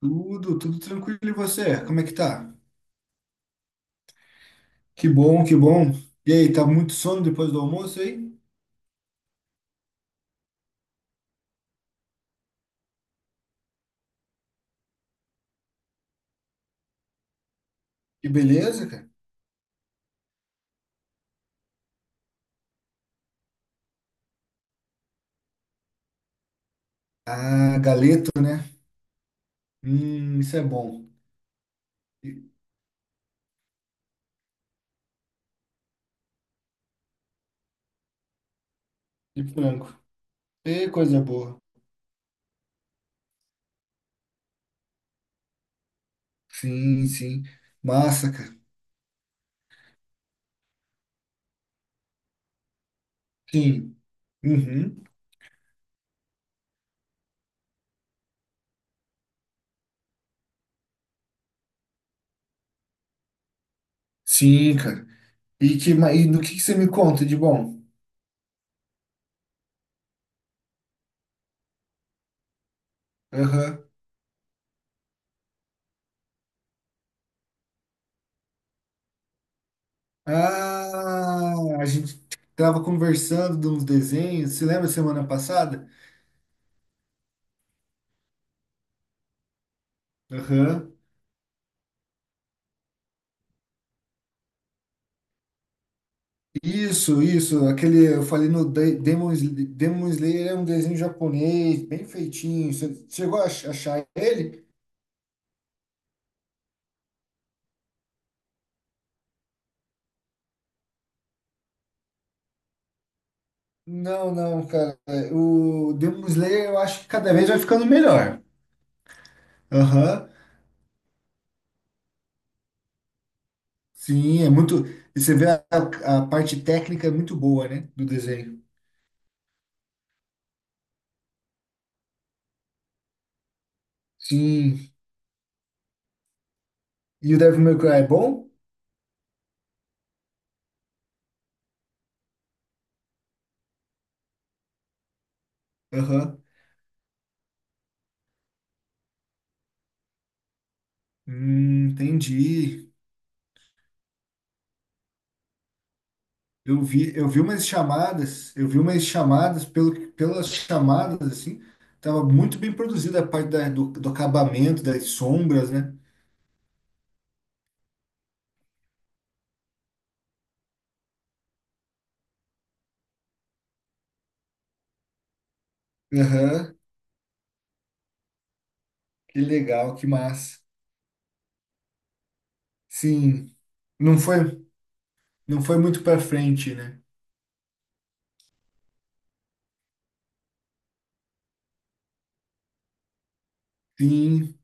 Tudo tranquilo. E você? Como é que tá? Que bom, que bom. E aí, tá muito sono depois do almoço aí? Que beleza, cara. Ah, galeto, né? Isso é bom. E, e frango. E coisa boa. Sim, sim. Massa, cara. Sim. Uhum. Sim, cara. E do que você me conta de bom? Aham. Ah, a gente tava conversando de uns desenhos. Você lembra semana passada? Aham. Isso, aquele, eu falei no Demon, Demon Slayer é um desenho japonês, bem feitinho. Você chegou a achar ele? Não, não, cara. O Demon Slayer eu acho que cada vez vai ficando melhor. Aham. Sim, é muito. E você vê a parte técnica é muito boa, né? Do desenho. Sim. E o Devil May Cry é bom? Aham. Entendi. Eu vi umas chamadas, eu vi umas chamadas, pelo, pelas chamadas, assim, tava muito bem produzida a parte do acabamento, das sombras, né? Aham, que legal, que massa. Sim, não foi, não foi muito pra frente, né? Sim,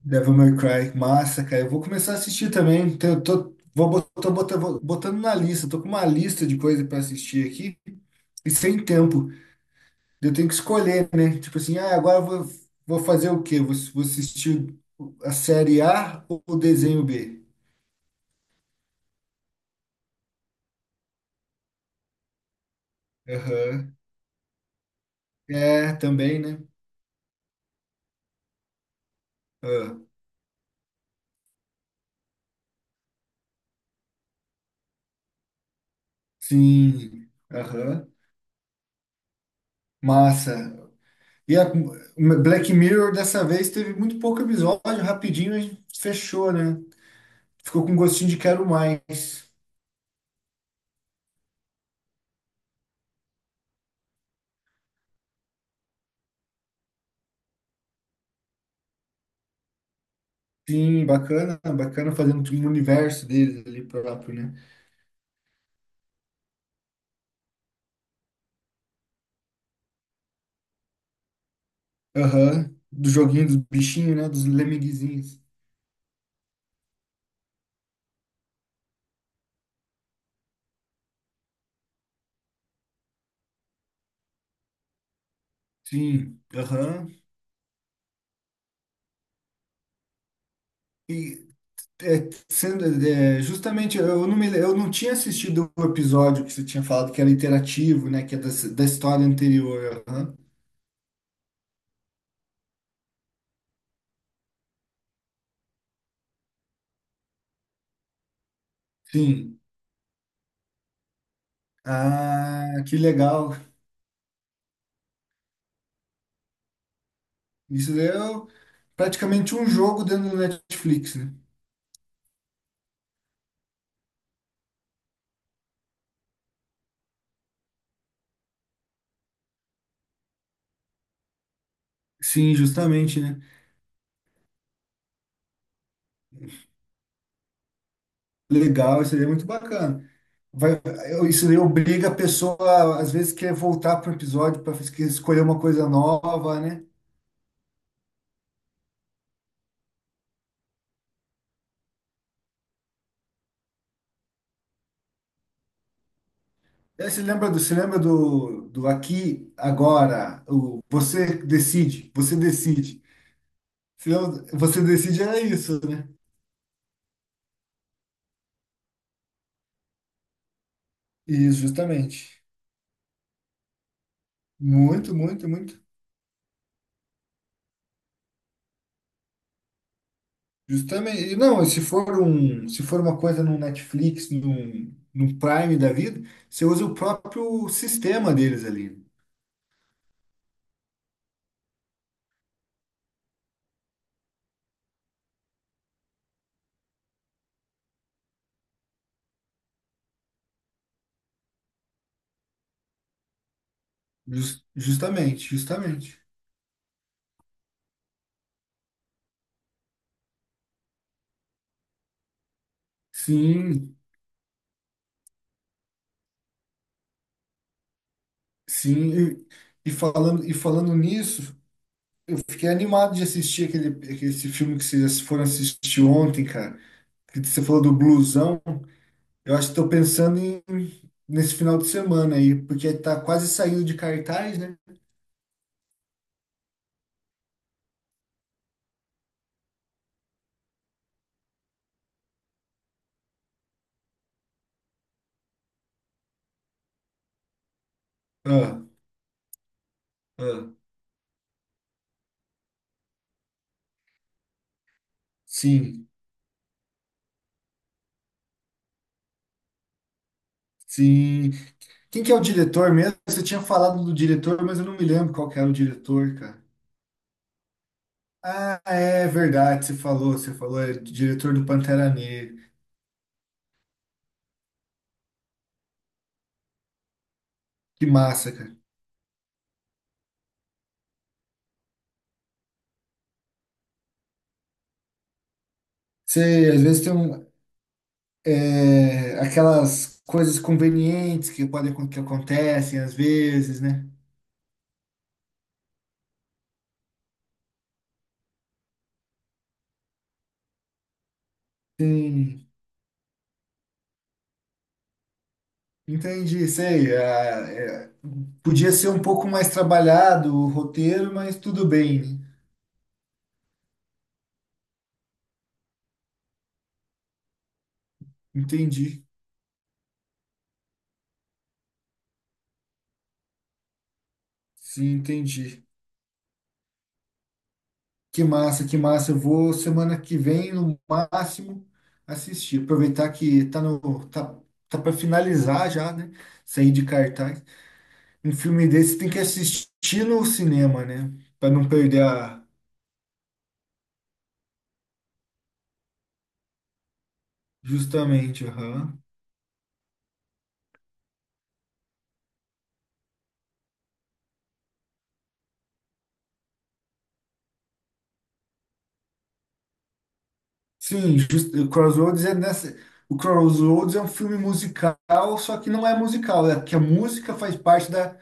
Devil May Cry, massa, cara. Eu vou começar a assistir também. Então eu tô botando, vou botando na lista, tô com uma lista de coisas pra assistir aqui e sem tempo. Eu tenho que escolher, né? Tipo assim, ah, agora eu vou fazer o quê? Vou assistir a série A ou o desenho B? Aham. É, também, né? Ah, sim. Aham. Massa. E a Black Mirror dessa vez teve muito pouco episódio, rapidinho a gente fechou, né? Ficou com gostinho de quero mais. Sim, bacana, bacana fazendo tipo um universo deles ali próprio, né? Aham. Do joguinho dos bichinhos, né? Dos lemeguizinhos. Sim, aham. E é, sendo, é, justamente eu não me, eu não tinha assistido o episódio que você tinha falado que era interativo, né? Que é da história anterior. Aham. Sim. Ah, que legal. Isso é o- Praticamente um jogo dentro do Netflix, né? Sim, justamente, né? Legal, isso aí é muito bacana. Vai, isso aí obriga a pessoa, às vezes, quer voltar para o episódio para escolher uma coisa nova, né? Eh, você lembra do, do aqui, agora, o você decide, você decide. Você decide era isso, né? Isso, justamente. Muito, muito, muito. Justamente. E não, se for um, se for uma coisa no Netflix, num Prime da vida, você usa o próprio sistema deles ali. Justamente, justamente. Sim, sim. E falando nisso. Eu fiquei animado de assistir esse filme que vocês foram assistir ontem, cara. Que você falou do blusão. Eu acho que estou pensando em, nesse final de semana aí, porque tá quase saindo de cartaz, né? Ah, ah, sim, sim. Quem que é o diretor mesmo? Você tinha falado do diretor, mas eu não me lembro qual que era o diretor, cara. Ah, é verdade, é diretor do Pantera Negra. Que massa, cara. Você, às vezes tem um, é, aquelas coisas convenientes que podem que acontecem às vezes, né? Sim, entendi, sei. Ah, é, podia ser um pouco mais trabalhado o roteiro, mas tudo bem, né? Entendi. Sim, entendi. Que massa, que massa. Eu vou semana que vem, no máximo, assistir. Aproveitar que tá no tá, tá para finalizar já, né? Sair de cartaz. Um filme desse tem que assistir no cinema, né? Para não perder a. Justamente, aham. Sim, just, o Crossroads é nessa. O Crossroads é um filme musical, só que não é musical, é que a música faz parte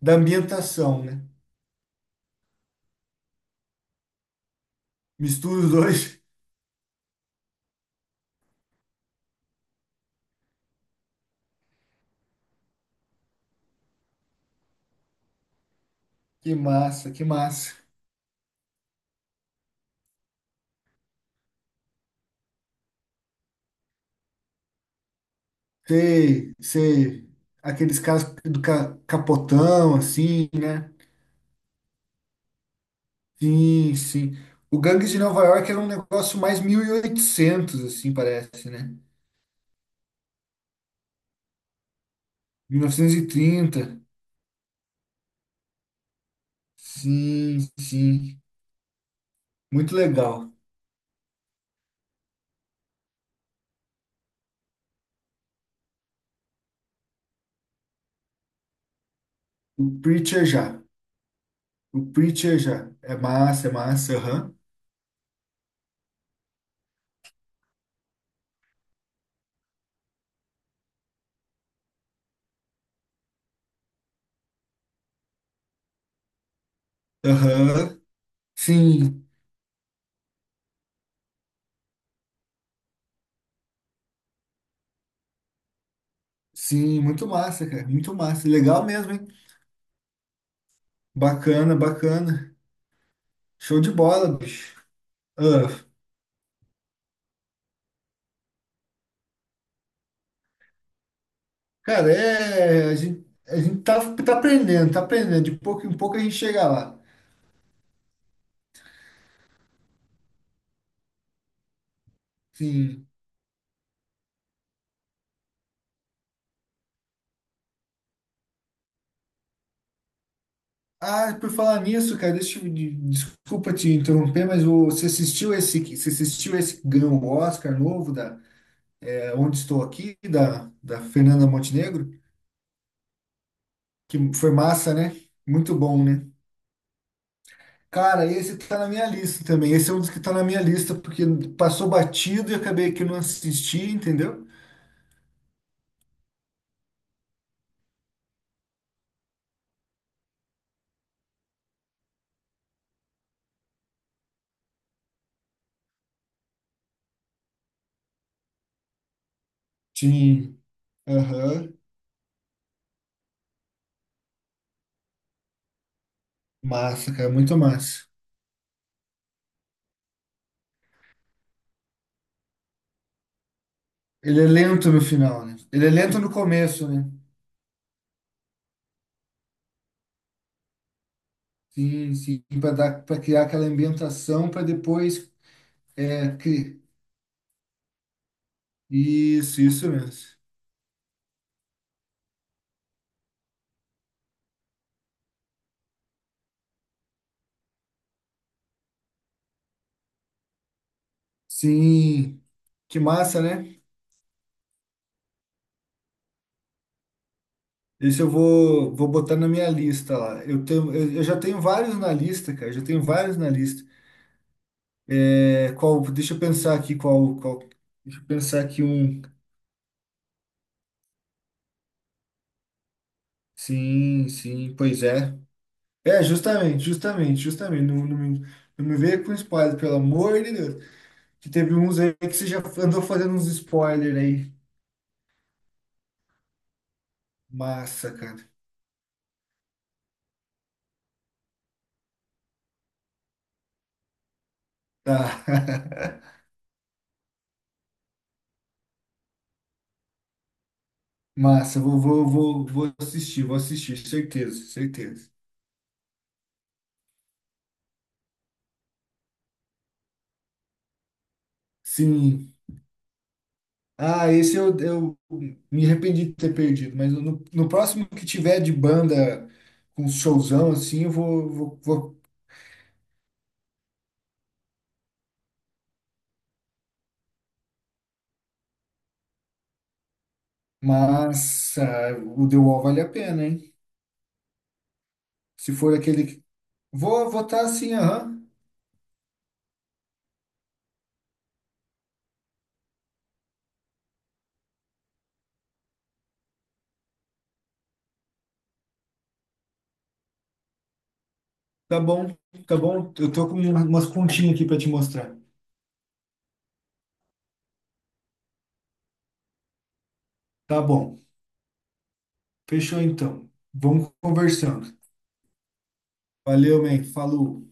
da ambientação, né? Mistura os dois. Que massa, que massa. Sei, sei. Aqueles caras do capotão, assim, né? Sim, sim. O Gangues de Nova York era um negócio mais 1800 assim, parece, né? 1930. Sim, sim. Muito legal. O Preacher já. O Preacher já. É massa, é massa. Aham. Aham. Sim, sim. Muito massa, cara. Muito massa. Legal mesmo, hein? Bacana, bacana. Show de bola, bicho. Ah, cara, é. A gente tá, tá aprendendo, tá aprendendo. De pouco em pouco a gente chega lá. Sim. Ah, por falar nisso, cara, deixa eu, desculpa te interromper, mas você assistiu esse que ganhou o Oscar novo da é, Onde Estou Aqui, da Fernanda Montenegro? Que foi massa, né? Muito bom, né? Cara, esse tá na minha lista também. Esse é um dos que tá na minha lista, porque passou batido e acabei que não assisti, entendeu? Sim. Aham. Massa, cara, muito massa. Ele é lento no final, né? Ele é lento no começo, né? Sim, sim, para dar, para criar aquela ambientação para depois é, cri... Isso mesmo. Sim, que massa, né? Isso eu vou, vou botar na minha lista lá. Eu já tenho vários na lista, cara. Já tenho vários na lista. É, qual, deixa eu pensar aqui qual, qual. Deixa eu pensar aqui um. Sim, sim, pois é. É, justamente, justamente, justamente. Não me veio com spoiler, pelo amor de Deus. Que teve uns aí que você já andou fazendo uns spoiler aí. Massa, cara. Tá. Massa, vou assistir, vou assistir, certeza, certeza. Sim, ah, esse eu me arrependi de ter perdido, mas no próximo que tiver de banda com showzão assim, eu vou. Mas ah, o The Wall vale a pena, hein? Se for aquele. Que. Vou votar assim, aham. Tá bom, tá bom. Eu tô com umas continhas aqui pra te mostrar. Tá bom. Fechou então. Vamos conversando. Valeu, man. Falou.